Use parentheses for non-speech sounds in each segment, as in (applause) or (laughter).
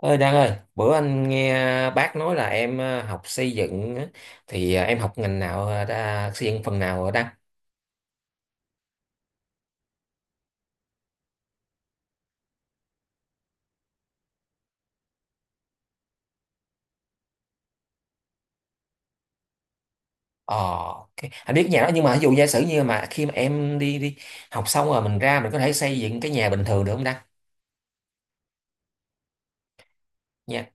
Ơi Đăng ơi, bữa anh nghe bác nói là em học xây dựng á, thì em học ngành nào xây dựng phần nào ở Đăng? Ờ, ok. Anh biết nhà đó, nhưng mà ví dụ giả sử như mà khi mà em đi đi học xong rồi mình ra mình có thể xây dựng cái nhà bình thường được không Đăng? Nha.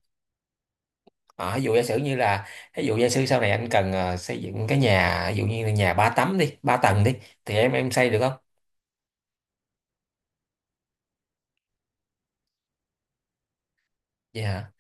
Ờ, ví dụ giả sử như là ví dụ giả sử sau này anh cần xây dựng cái nhà ví dụ như là nhà ba tấm đi, ba tầng đi thì em xây được không? Dạ.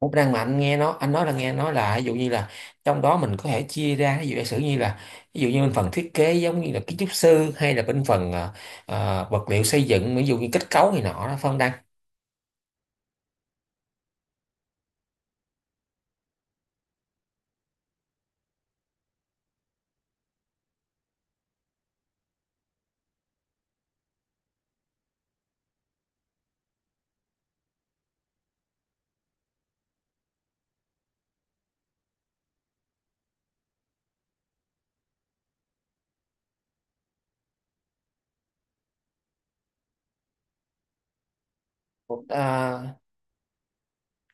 Cũng đang mà anh nghe nó, anh nói là nghe nói là ví dụ như là trong đó mình có thể chia ra ví dụ giả sử như là ví dụ như bên phần thiết kế giống như là kiến trúc sư hay là bên phần vật liệu xây dựng ví dụ như kết cấu này nọ đó phân đăng. Ờ,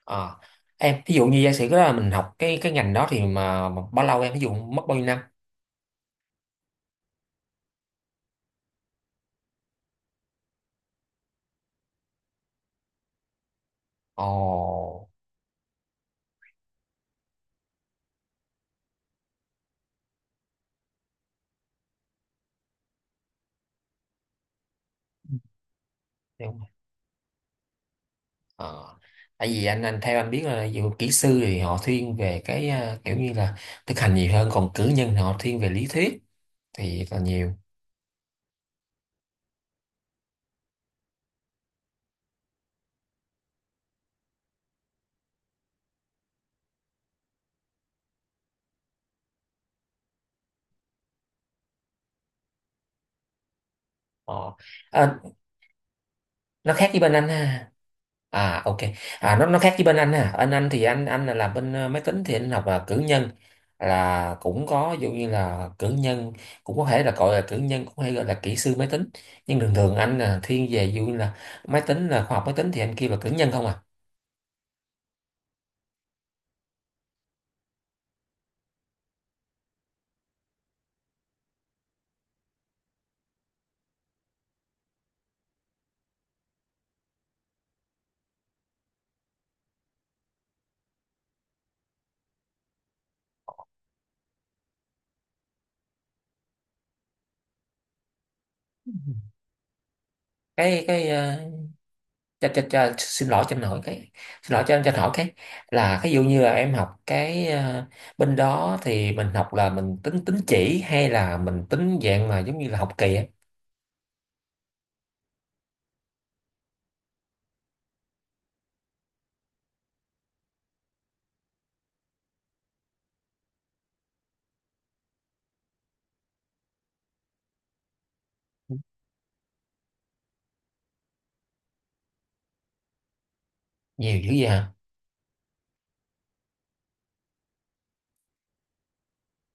ờ. Em ví dụ như giả sử đó là mình học cái ngành đó thì mà bao lâu, em ví dụ mất bao nhiêu năm? Ồ. Đúng rồi. Ờ. Tại vì anh theo anh biết là dù kỹ sư thì họ thiên về cái kiểu như là thực hành nhiều hơn, còn cử nhân thì họ thiên về lý thuyết thì là nhiều. Ờ. À, nó khác với bên anh ha. À, ok. À, nó khác với bên anh ha. Anh thì anh là làm bên máy tính thì anh học là cử nhân, là cũng có ví dụ như là cử nhân, cũng có thể là gọi là cử nhân, cũng hay gọi là kỹ sư máy tính. Nhưng thường thường anh là thiên về ví dụ như là máy tính, là khoa học máy tính thì anh kia là cử nhân không à. Cái cái ờ, cho, xin lỗi cho anh hỏi cái, xin lỗi cho anh, cho anh hỏi cái là ví dụ như là em học cái bên đó thì mình học là mình tính tín chỉ hay là mình tính dạng mà giống như là học kỳ á? Nhiều dữ vậy hả?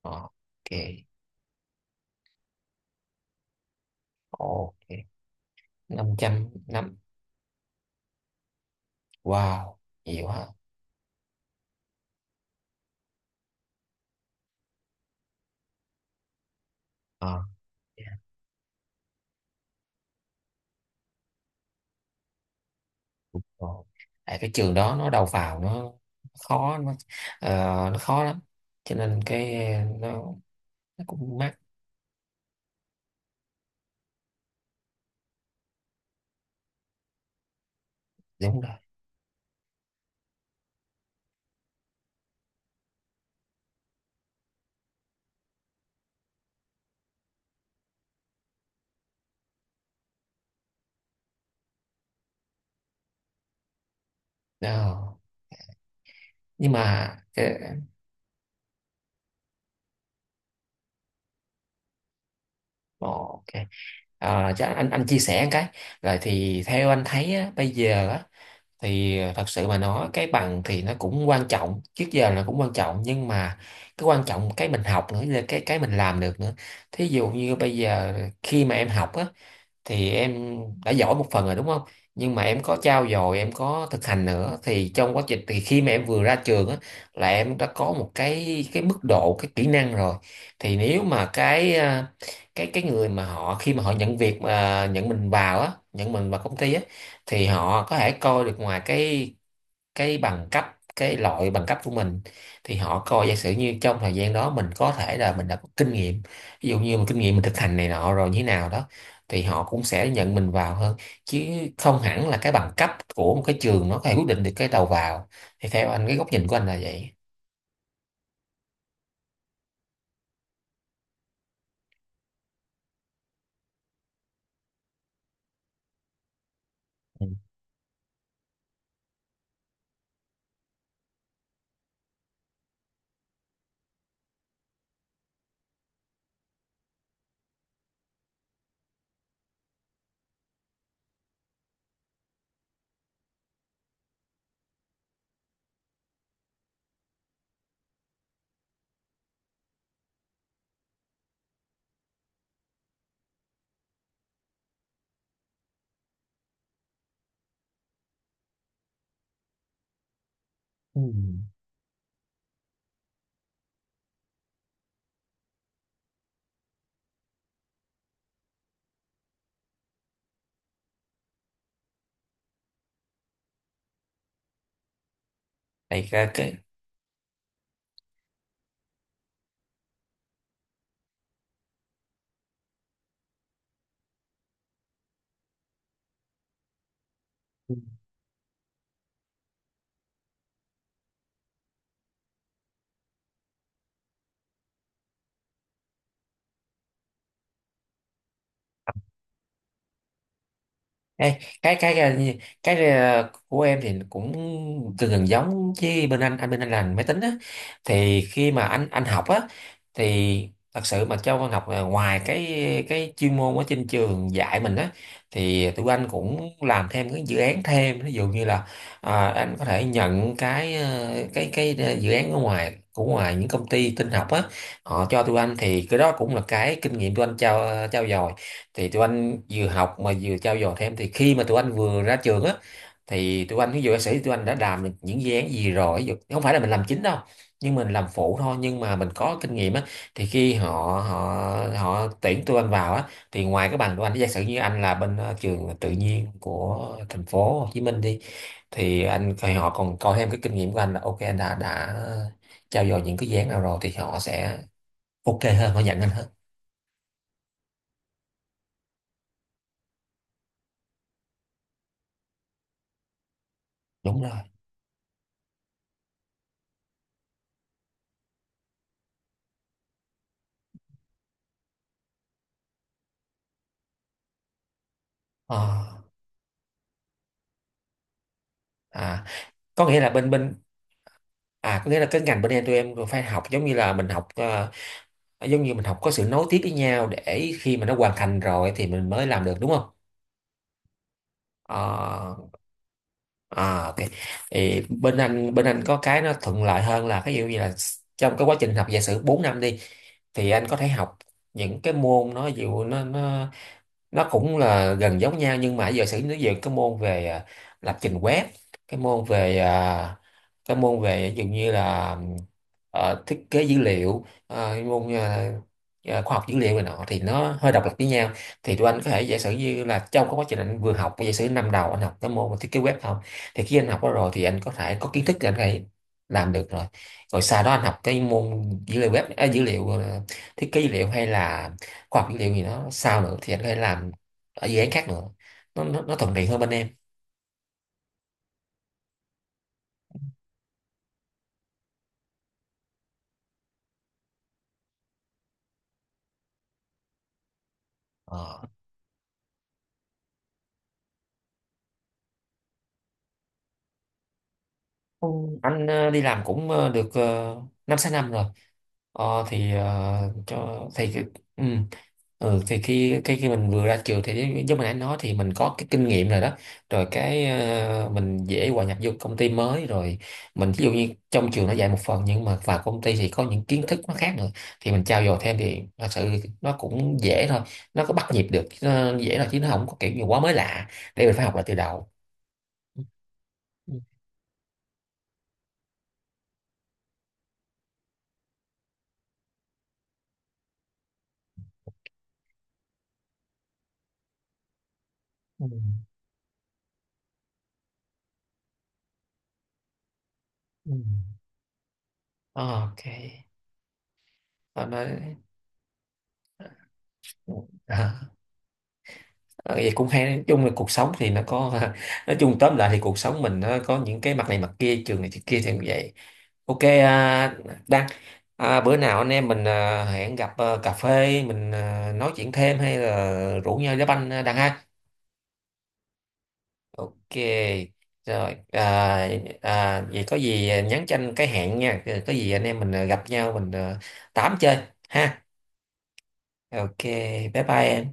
Ok. Ok. Năm trăm năm. Wow, nhiều hả? Ờ, yeah. Ồ. Tại cái trường đó nó đầu vào nó khó, nó ờ, nó khó lắm, cho nên cái nó, nó cũng mắc. Đúng rồi. Đó. Nhưng mà cái, ồ, ok, à, chắc anh chia sẻ một cái, rồi thì theo anh thấy á, bây giờ á, thì thật sự mà nói cái bằng thì nó cũng quan trọng, trước giờ là cũng quan trọng, nhưng mà cái quan trọng cái mình học nữa là cái mình làm được nữa. Thí dụ như bây giờ khi mà em học á thì em đã giỏi một phần rồi đúng không, nhưng mà em có trau dồi, em có thực hành nữa thì trong quá trình thì khi mà em vừa ra trường á là em đã có một cái mức độ cái kỹ năng rồi, thì nếu mà cái cái người mà họ khi mà họ nhận việc mà nhận mình vào á, nhận mình vào công ty á, thì họ có thể coi được ngoài cái bằng cấp, cái loại bằng cấp của mình, thì họ coi giả sử như trong thời gian đó mình có thể là mình đã có kinh nghiệm, ví dụ như mình kinh nghiệm mình thực hành này nọ rồi như thế nào đó, thì họ cũng sẽ nhận mình vào hơn, chứ không hẳn là cái bằng cấp của một cái trường nó có thể quyết định được cái đầu vào. Thì theo anh, cái góc nhìn của anh là vậy. Ừ. Ừ. Thì cái, ê, cái cái của em thì cũng gần gần giống với bên anh, bên anh làm máy tính á, thì khi mà anh học á thì thật sự mà cho con học là ngoài cái chuyên môn ở trên trường dạy mình á, thì tụi anh cũng làm thêm cái dự án thêm, ví dụ như là à, anh có thể nhận cái dự án ở ngoài của ngoài những công ty tin học á, họ cho tụi anh, thì cái đó cũng là cái kinh nghiệm tụi anh trao, trao dồi, thì tụi anh vừa học mà vừa trau dồi thêm, thì khi mà tụi anh vừa ra trường á thì tụi anh ví dụ ca sĩ tụi anh đã làm được những dự án gì rồi, ví dụ không phải là mình làm chính đâu, nhưng mình làm phụ thôi, nhưng mà mình có kinh nghiệm á, thì khi họ họ họ tuyển tụi anh vào á thì ngoài cái bằng tụi anh, giả sử như anh là bên trường tự nhiên của thành phố Hồ Chí Minh đi, thì anh thì họ còn coi thêm cái kinh nghiệm của anh là ok, anh đã trau dồi những cái dự án nào rồi, thì họ sẽ ok hơn, họ nhận anh hơn. Đúng rồi. Ờ. À, có nghĩa là bên bên, à có nghĩa là cái ngành bên em tụi em phải học giống như là mình học giống như mình học có sự nối tiếp với nhau để khi mà nó hoàn thành rồi thì mình mới làm được, đúng không? Ờ, à, ok. Thì bên anh có cái nó thuận lợi hơn là cái ví dụ như là trong cái quá trình học giả sử 4 năm đi, thì anh có thể học những cái môn nó ví dụ nó cũng là gần giống nhau, nhưng mà giả sử nó về cái môn về lập trình web, cái môn về cái môn về ví dụ như là thiết kế dữ liệu, môn khoa học dữ liệu này nọ, thì nó hơi độc lập với nhau. Thì tụi anh có thể giả sử như là trong cái quá trình anh vừa học, giả sử năm đầu anh học cái môn thiết kế web không, thì khi anh học đó rồi thì anh có thể có kiến thức để anh có thể làm được rồi, rồi sau đó anh học cái môn dữ liệu web à, dữ liệu thiết kế dữ liệu hay là khoa học dữ liệu gì đó sao nữa thì anh có thể làm ở dự án khác nữa, nó thuận tiện hơn bên em. Ờ. Ừ, anh đi làm cũng được 5-6 năm rồi. Cho thì cái- ừ. Ừ, thì khi cái khi mình vừa ra trường thì giống giống mình đã nói thì mình có cái kinh nghiệm rồi đó, rồi cái mình dễ hòa nhập vô công ty mới rồi, mình ví dụ như trong trường nó dạy một phần, nhưng mà vào công ty thì có những kiến thức nó khác nữa, thì mình trau dồi thêm thì thật sự nó cũng dễ thôi, nó có bắt nhịp được, nó dễ là, chứ nó không có kiểu như quá mới lạ để mình phải học lại từ đầu. Ừ, ừ, ừ. Ok. Ờ, nói- (laughs) Ờ, vậy cũng hay, nói chung là cuộc sống thì nó có (laughs) nói chung tóm lại thì cuộc sống mình nó có những cái mặt này mặt kia, trường này trường kia thì như vậy. Ok, à, Đăng, à, bữa nào anh em mình à, hẹn gặp à, cà phê mình à, nói chuyện thêm hay là rủ nhau đá banh à, Đăng ha? Ok, rồi, à, à, vậy có gì nhắn cho anh cái hẹn nha, có gì anh em mình à, gặp nhau mình à, tám chơi ha? Ok, bye bye em.